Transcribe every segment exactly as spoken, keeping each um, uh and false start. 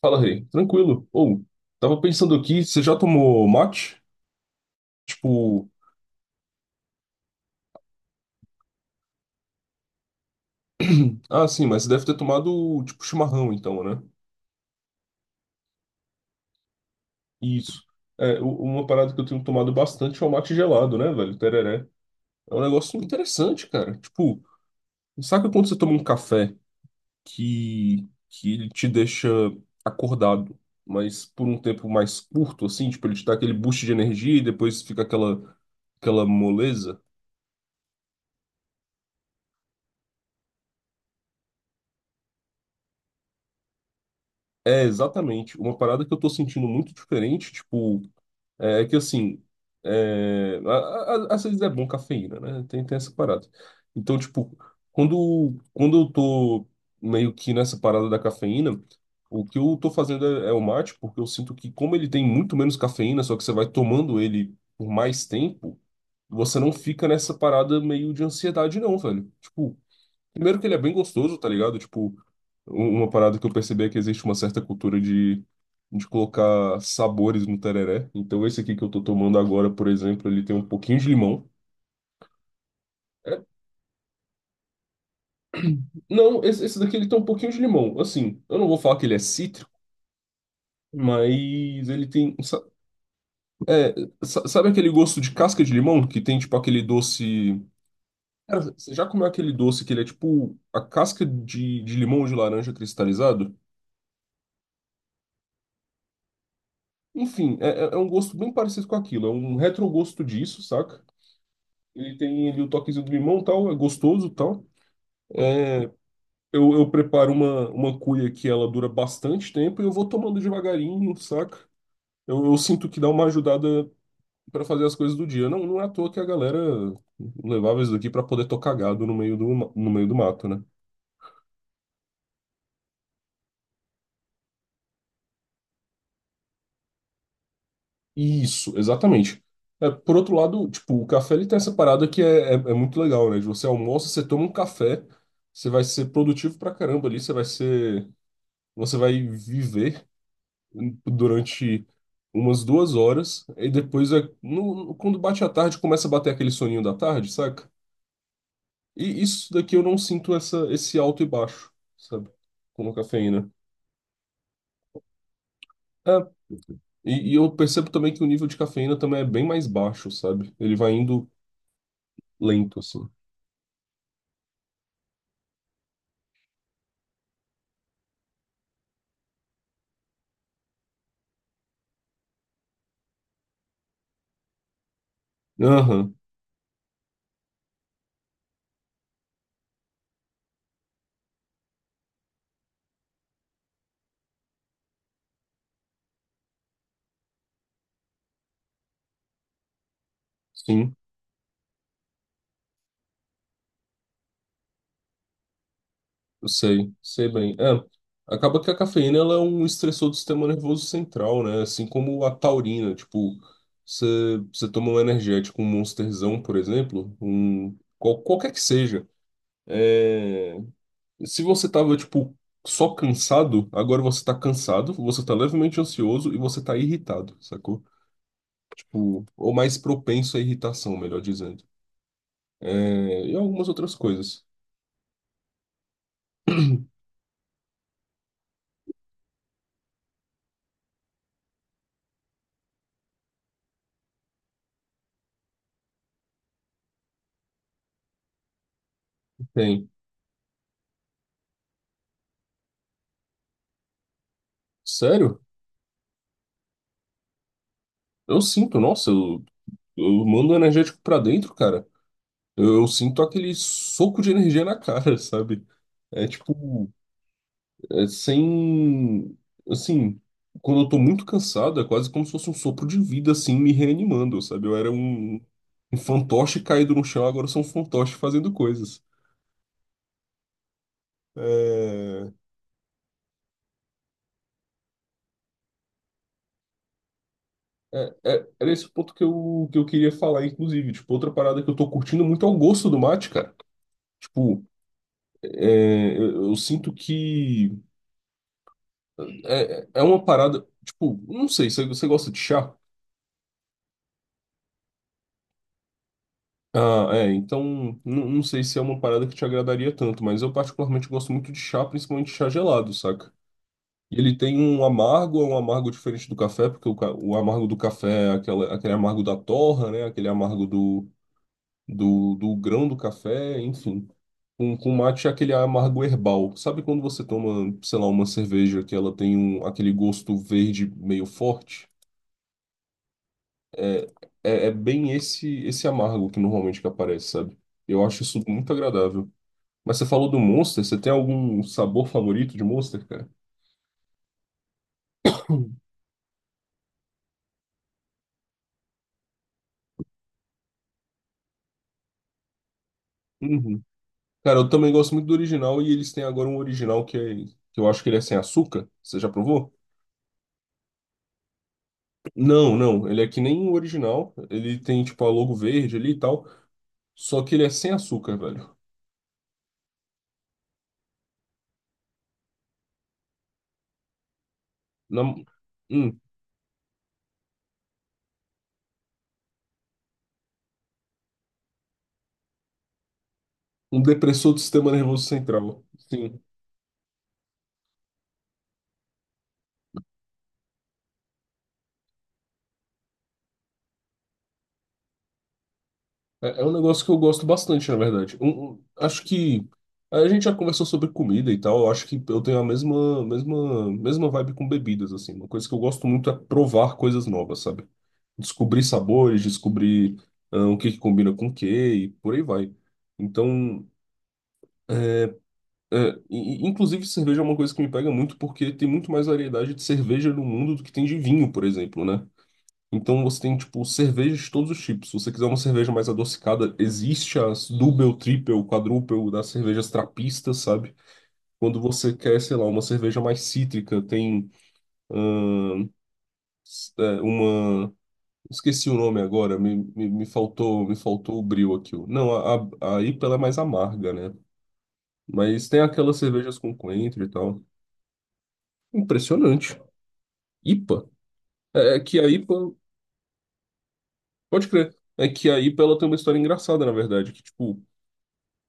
Fala, Rei. Tranquilo. Ou, tava pensando aqui, você já tomou mate? Tipo, ah, sim, mas você deve ter tomado, tipo, chimarrão, então, né? Isso. É, u- uma parada que eu tenho tomado bastante é o mate gelado, né, velho? Tereré. É um negócio interessante, cara. Tipo, saca quando você toma um café que, que ele te deixa acordado, mas por um tempo mais curto, assim? Tipo, ele te dá aquele boost de energia e depois fica aquela, aquela moleza? É, exatamente. Uma parada que eu tô sentindo muito diferente, tipo, é é que assim, é, a- a- às vezes é bom cafeína, né? Tem, tem essa parada. Então, tipo, quando, quando eu tô meio que nessa parada da cafeína, o que eu tô fazendo é, é o mate, porque eu sinto que como ele tem muito menos cafeína, só que você vai tomando ele por mais tempo, você não fica nessa parada meio de ansiedade, não, velho. Tipo, primeiro que ele é bem gostoso, tá ligado? Tipo, um- uma parada que eu percebi é que existe uma certa cultura de, de colocar sabores no tereré. Então esse aqui que eu tô tomando agora, por exemplo, ele tem um pouquinho de limão. É, não, esse, esse daqui ele tem um pouquinho de limão. Assim, eu não vou falar que ele é cítrico, mas ele tem um sa- sa- sabe aquele gosto de casca de limão? Que tem tipo aquele doce. Cara, você já comeu aquele doce que ele é tipo a casca de, de limão ou de laranja cristalizado? Enfim, é, é é um gosto bem parecido com aquilo. É um retrogosto disso, saca? Ele tem ali o toquezinho do limão, tal, é gostoso, tal. Eu, eu preparo uma, uma cuia que ela dura bastante tempo e eu vou tomando devagarinho, saca? Eu, eu sinto que dá uma ajudada pra fazer as coisas do dia. Não, não é à toa que a galera levava isso daqui pra poder tocar gado no meio do, ma- no meio do mato, né? Isso, exatamente. É, por outro lado, tipo, o café ele tem essa parada que é, é, é muito legal, né? De você almoça, você toma um café, você vai ser produtivo pra caramba ali, você vai ser, você vai viver um, durante umas duas horas, e depois, é, no- quando bate a tarde, começa a bater aquele soninho da tarde, saca? E isso daqui eu não sinto essa, esse alto e baixo, sabe? Com a cafeína. É, e, e eu percebo também que o nível de cafeína também é bem mais baixo, sabe? Ele vai indo lento, assim. Aham, sim. Sei, sei bem. É, acaba que a cafeína ela é um estressor do sistema nervoso central, né? Assim como a taurina, tipo, você você toma um energético, um Monsterzão, por exemplo, um qual- qualquer que seja. É, se você tava, tipo, só cansado, agora você tá cansado, você tá levemente ansioso e você tá irritado, sacou? Tipo, ou mais propenso à irritação, melhor dizendo. É, e algumas outras coisas. Tem. Sério? Eu sinto, nossa, eu eu mando energético pra dentro, cara. Eu, eu sinto aquele soco de energia na cara, sabe? É tipo, é sem. Assim, quando eu tô muito cansado, é quase como se fosse um sopro de vida, assim, me reanimando, sabe? Eu era um, um fantoche caído no chão, agora eu sou um fantoche fazendo coisas. É, é- é- era esse o ponto que eu, que eu queria falar, inclusive. Tipo, outra parada que eu tô curtindo muito é o gosto do mate, cara. Tipo, é, eu eu sinto que é, é uma parada, tipo, não sei, você, você gosta de chá? Ah, é, então não, não sei se é uma parada que te agradaria tanto, mas eu particularmente gosto muito de chá, principalmente chá gelado, saca? E ele tem um amargo, é um amargo diferente do café, porque o, ca- o amargo do café é aquela, aquele amargo da torra, né? Aquele amargo do, do, do grão do café, enfim. Com, com mate é aquele amargo herbal. Sabe quando você toma, sei lá, uma cerveja que ela tem um, aquele gosto verde meio forte? É, é, é bem esse esse amargo que normalmente que aparece, sabe? Eu acho isso muito agradável. Mas você falou do Monster, você tem algum sabor favorito de Monster, cara? Uhum. Cara, eu também gosto muito do original e eles têm agora um original que, é, que eu acho que ele é sem açúcar. Você já provou? Não, não, ele é que nem o original. Ele tem tipo a logo verde ali e tal, só que ele é sem açúcar, velho. Na- hum, um depressor do sistema nervoso central. Sim. É, é um negócio que eu gosto bastante, na verdade. Um- um- acho que a gente já conversou sobre comida e tal. Eu acho que eu tenho a mesma, mesma, mesma vibe com bebidas, assim. Uma coisa que eu gosto muito é provar coisas novas, sabe? Descobrir sabores, descobrir ah, o que que combina com o que e por aí vai. Então, é, e- e, inclusive cerveja é uma coisa que me pega muito porque tem muito mais variedade de cerveja no mundo do que tem de vinho, por exemplo, né? Então você tem, tipo, cervejas de todos os tipos. Se você quiser uma cerveja mais adocicada, existe as double, triple, quadruple das cervejas trapistas, sabe? Quando você quer, sei lá, uma cerveja mais cítrica, tem ahn, s- é, uma. Esqueci o nome agora, me, me, me faltou, me faltou o brio aqui. Não, a, a, a I P A ela é mais amarga, né? Mas tem aquelas cervejas com coentro e tal. Impressionante. I P A. É, é que a I P A. Pode crer. É que a I P A ela tem uma história engraçada, na verdade, que tipo.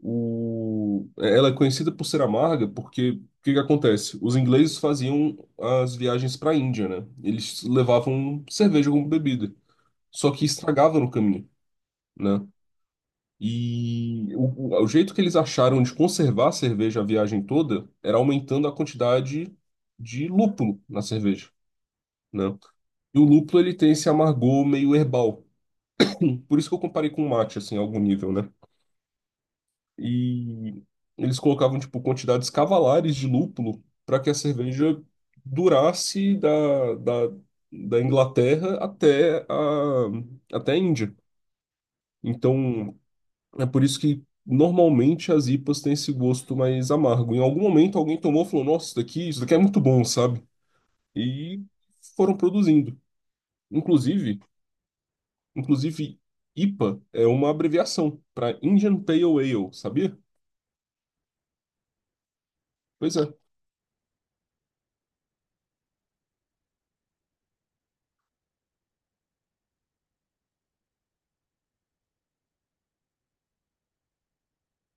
O... Ela é conhecida por ser amarga porque o que que acontece? Os ingleses faziam as viagens para a Índia, né? Eles levavam cerveja como bebida, só que estragava no caminho, né? E o, o o jeito que eles acharam de conservar a cerveja a viagem toda era aumentando a quantidade de lúpulo na cerveja, né? E o lúpulo ele tem esse amargor meio herbal. Hum, Por isso que eu comparei com o mate, assim, a algum nível, né? E eles colocavam, tipo, quantidades cavalares de lúpulo para que a cerveja durasse da, da, da Inglaterra até a, até a Índia. Então, é por isso que normalmente as I P As têm esse gosto mais amargo. Em algum momento alguém tomou e falou, nossa, isso daqui, isso daqui é muito bom, sabe? E foram produzindo. Inclusive, inclusive I P A é uma abreviação para Indian Pale Ale, sabia? Pois é.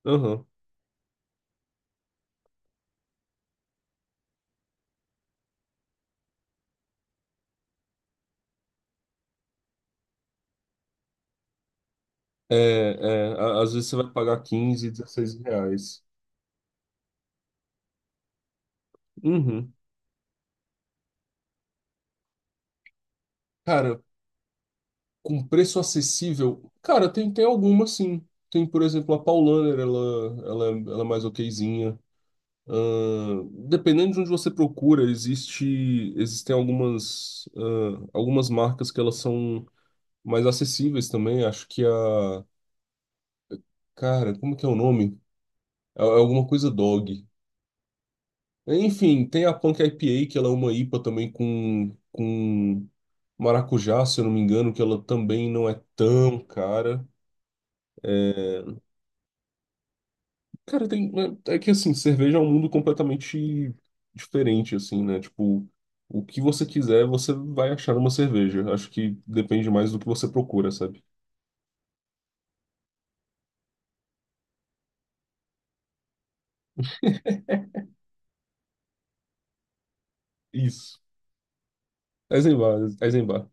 Aham. É, é, a- às vezes você vai pagar quinze, dezesseis reais. Uhum. Cara, com preço acessível, cara, tem, tem alguma sim. Tem, por exemplo, a Paulaner, ela, ela, é, ela é mais okzinha. Ahn, dependendo de onde você procura, existe, existem algumas, ahn, algumas marcas que elas são mais acessíveis também. Acho que a. Cara, como que é o nome? É é alguma coisa dog. Enfim, tem a Punk I P A, que ela é uma I P A também com, com maracujá, se eu não me engano, que ela também não é tão cara. Cara, tem, é é que assim, cerveja é um mundo completamente diferente, assim, né? Tipo, o que você quiser, você vai achar uma cerveja. Acho que depende mais do que você procura, sabe? Isso. Eisenbar, Eisenbar.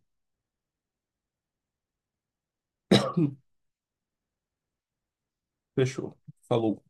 Fechou. Falou.